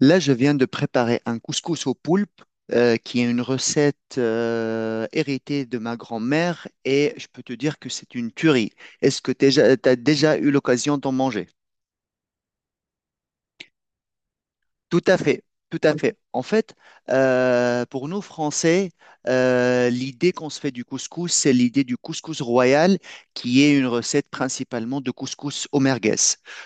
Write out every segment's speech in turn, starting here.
Là, je viens de préparer un couscous au poulpe, qui est une recette héritée de ma grand-mère, et je peux te dire que c'est une tuerie. Est-ce que tu as déjà t'as déjà eu l'occasion d'en manger? Tout à fait, tout à fait. En fait, pour nous Français, l'idée qu'on se fait du couscous, c'est l'idée du couscous royal, qui est une recette principalement de couscous au merguez.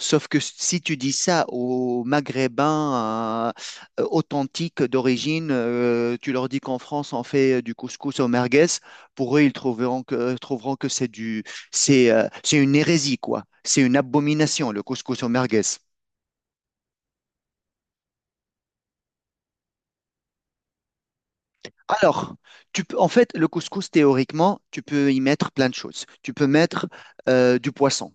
Sauf que si tu dis ça aux Maghrébins authentiques d'origine, tu leur dis qu'en France on fait du couscous au merguez, pour eux ils trouveront que c'est une hérésie quoi. C'est une abomination le couscous au merguez. Alors, tu peux, en fait, le couscous, théoriquement, tu peux y mettre plein de choses. Tu peux mettre du poisson,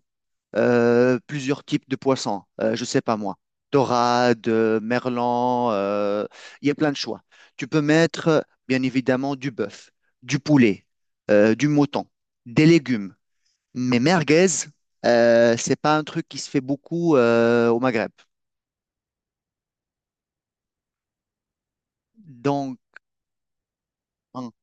plusieurs types de poissons, je sais pas moi, dorade, merlan, il y a plein de choix. Tu peux mettre, bien évidemment, du bœuf, du poulet, du mouton, des légumes. Mais merguez, c'est pas un truc qui se fait beaucoup au Maghreb. Donc. Hein.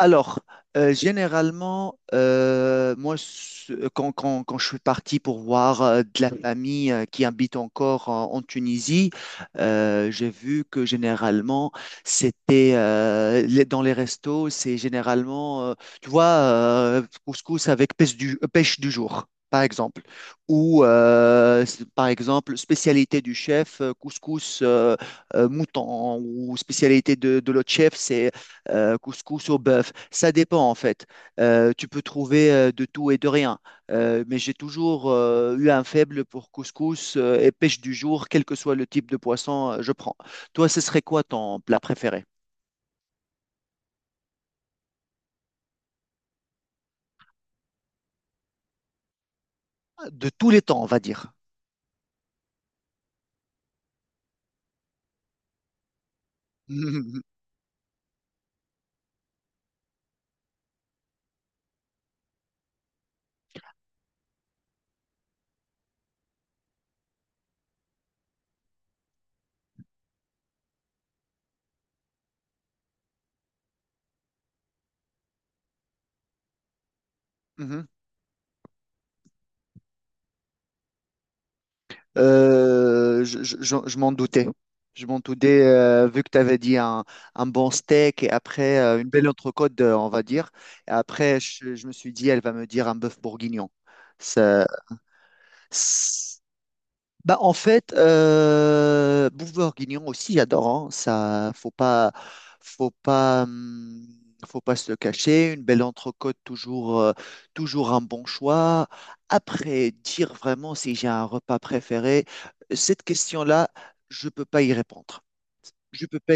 Alors, généralement, moi, quand je suis parti pour voir de la famille qui habite encore en Tunisie, j'ai vu que généralement, c'était dans les restos, c'est généralement, tu vois, couscous avec pêche du jour, par exemple. Ou, par exemple, spécialité du chef, couscous mouton, ou spécialité de l'autre chef, c'est couscous au bœuf. Ça dépend en fait. Tu peux trouver de tout et de rien. Mais j'ai toujours eu un faible pour couscous et pêche du jour, quel que soit le type de poisson, je prends. Toi, ce serait quoi ton plat préféré? De tous les temps, on va dire. Mhm, mhm. Je m'en doutais. Je m'en doutais, vu que tu avais dit un bon steak et après une belle entrecôte, on va dire. Et après, je me suis dit, elle va me dire un bœuf bourguignon. ça S- Bah, en fait, Bouvard-Guignon aussi, j'adore, hein. Ça, faut pas, hum, faut pas se le cacher. Une belle entrecôte, toujours un bon choix. Après, dire vraiment si j'ai un repas préféré, cette question-là, je peux pas y répondre. Je peux pas.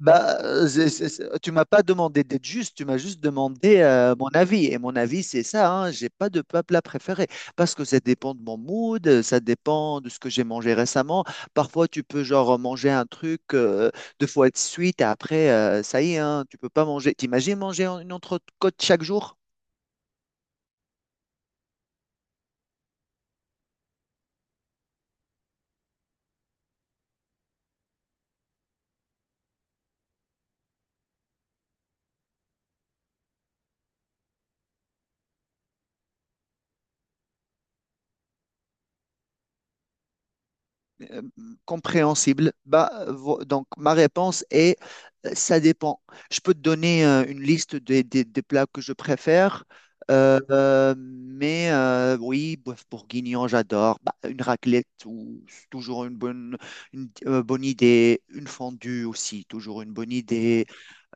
Bah, tu m'as pas demandé d'être juste, tu m'as juste demandé mon avis. Et mon avis, c'est ça, hein, j'ai pas de plat préféré. Parce que ça dépend de mon mood, ça dépend de ce que j'ai mangé récemment. Parfois, tu peux genre manger un truc deux fois de suite et après, ça y est, hein, tu peux pas manger. T'imagines manger une entrecôte chaque jour? euh, compréhensible Bah, donc, ma réponse est, ça dépend. Je peux te donner une liste des plats que je préfère, mais oui, bœuf bourguignon, j'adore. Bah, une raclette, c'est toujours une bonne idée. Une fondue aussi, toujours une bonne idée.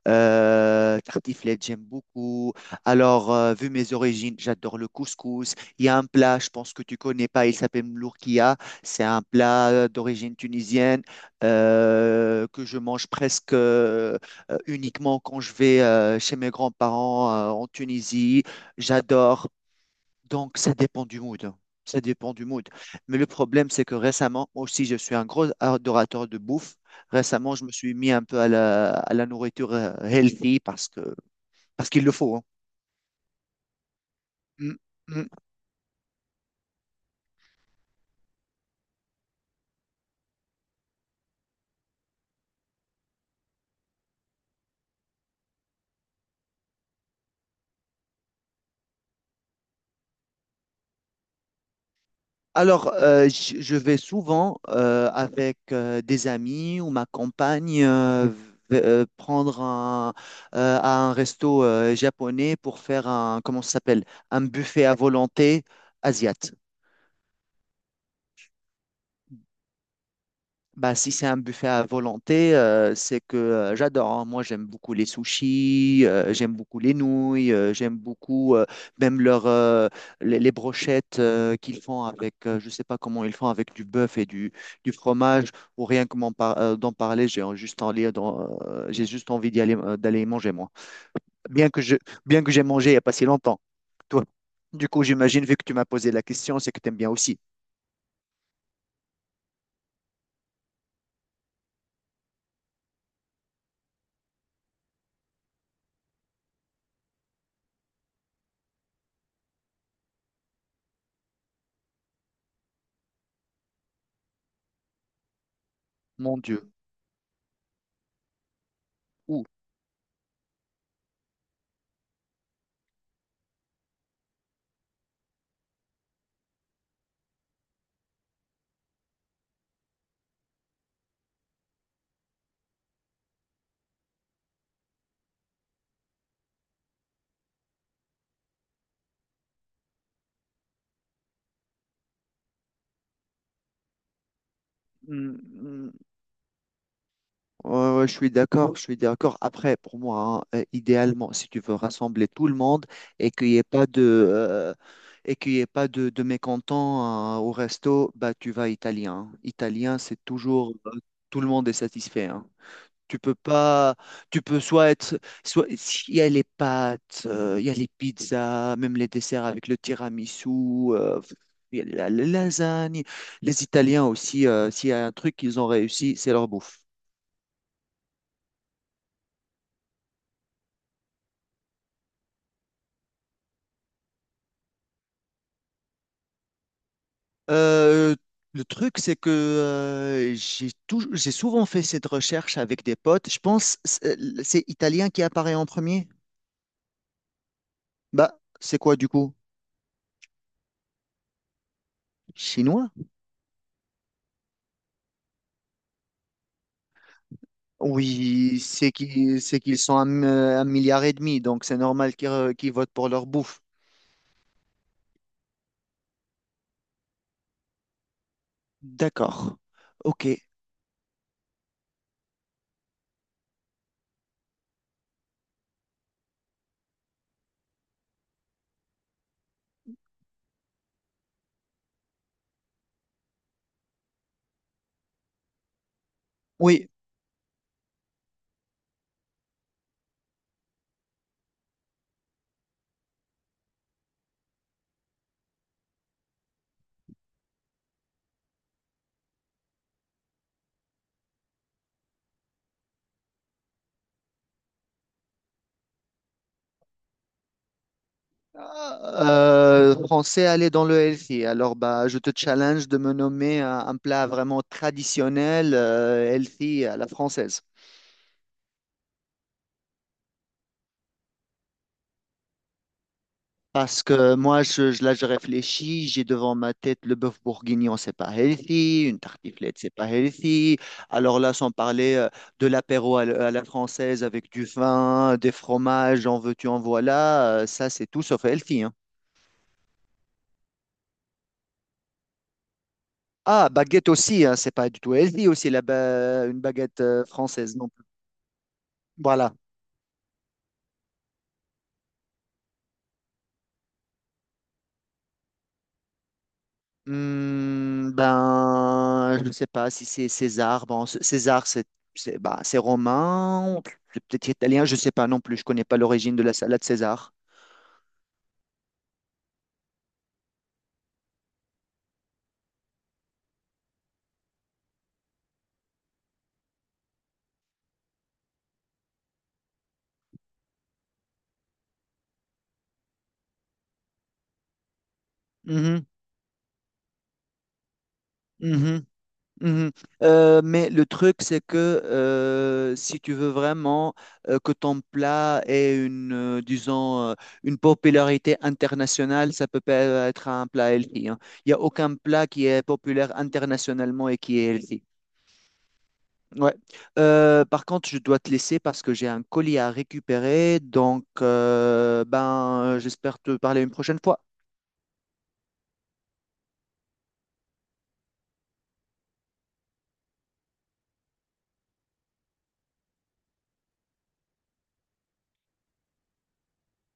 Tartiflette, j'aime beaucoup. Alors, vu mes origines, j'adore le couscous. Il y a un plat, je pense que tu connais pas, il s'appelle l'ourkia. C'est un plat d'origine tunisienne que je mange presque uniquement quand je vais chez mes grands-parents en Tunisie. J'adore. Donc, ça dépend du mood, hein. Ça dépend du mood. Mais le problème, c'est que récemment, moi aussi, je suis un gros adorateur de bouffe. Récemment, je me suis mis un peu à la nourriture healthy parce qu'il le faut, hein. Mm, mm. Alors, je vais souvent avec des amis ou ma compagne prendre à un resto japonais pour faire un, comment ça s'appelle? Un buffet à volonté asiat. Bah, si c'est un buffet à volonté, c'est que j'adore, hein. Moi, j'aime beaucoup les sushis, j'aime beaucoup les nouilles, j'aime beaucoup même leur, les brochettes qu'ils font avec, je sais pas comment ils font, avec du bœuf et du fromage, ou rien que d'en parler, juste envie, j'ai juste envie d'y aller, d'aller y manger, moi bien que je, bien que j'ai mangé il n'y a pas si longtemps. Toi, du coup, j'imagine, vu que tu m'as posé la question, c'est que tu aimes bien aussi. Mon Dieu. Ouh. Hmm, hmm. Ouais, ouais, je suis d'accord, je suis d'accord. Après, pour moi, hein, idéalement, si tu veux rassembler tout le monde et qu'il n'y ait pas de, euh, et qu'il y ait pas de mécontents, au resto, bah, tu vas italien, hein. Italien, tout le monde est satisfait, hein. Tu peux pas, tu peux soit être, soit, il y a les pâtes, il y a les pizzas, même les desserts avec le tiramisu, euh, il y a la lasagne. Les Italiens aussi, s'il y a un truc qu'ils ont réussi, c'est leur bouffe. Euh, le truc, c'est que j'ai souvent fait cette recherche avec des potes. Je pense c'est italien qui apparaît en premier. Bah, c'est quoi du coup? Chinois? Oui, c'est qu'ils sont un milliard et demi, donc c'est normal qu'ils votent pour leur bouffe. D'accord. Ok. Oui. Français, aller dans le healthy. Alors, bah, je te challenge de me nommer un plat vraiment traditionnel, healthy à la française. Parce que moi, là, je réfléchis, j'ai devant ma tête le bœuf bourguignon, c'est pas healthy, une tartiflette, c'est pas healthy. Alors là, sans parler de l'apéro à la française avec du vin, des fromages, en veux-tu, en voilà, ça, c'est tout sauf healthy, hein. Ah, baguette aussi, hein, c'est pas du tout healthy aussi, une baguette française non plus. Voilà. Hmm, ben, je ne sais pas si c'est César. Bon, César, c'est romain, c'est peut-être italien, je ne sais pas non plus. Je connais pas l'origine de la salade César. Mhm, mhm, mhm. Mais le truc, c'est que si tu veux vraiment que ton plat ait disons, une popularité internationale, ça peut pas être un plat healthy, hein. Il n'y a aucun plat qui est populaire internationalement et qui est healthy. Ouais. Par contre, je dois te laisser parce que j'ai un colis à récupérer. Donc, ben, j'espère te parler une prochaine fois.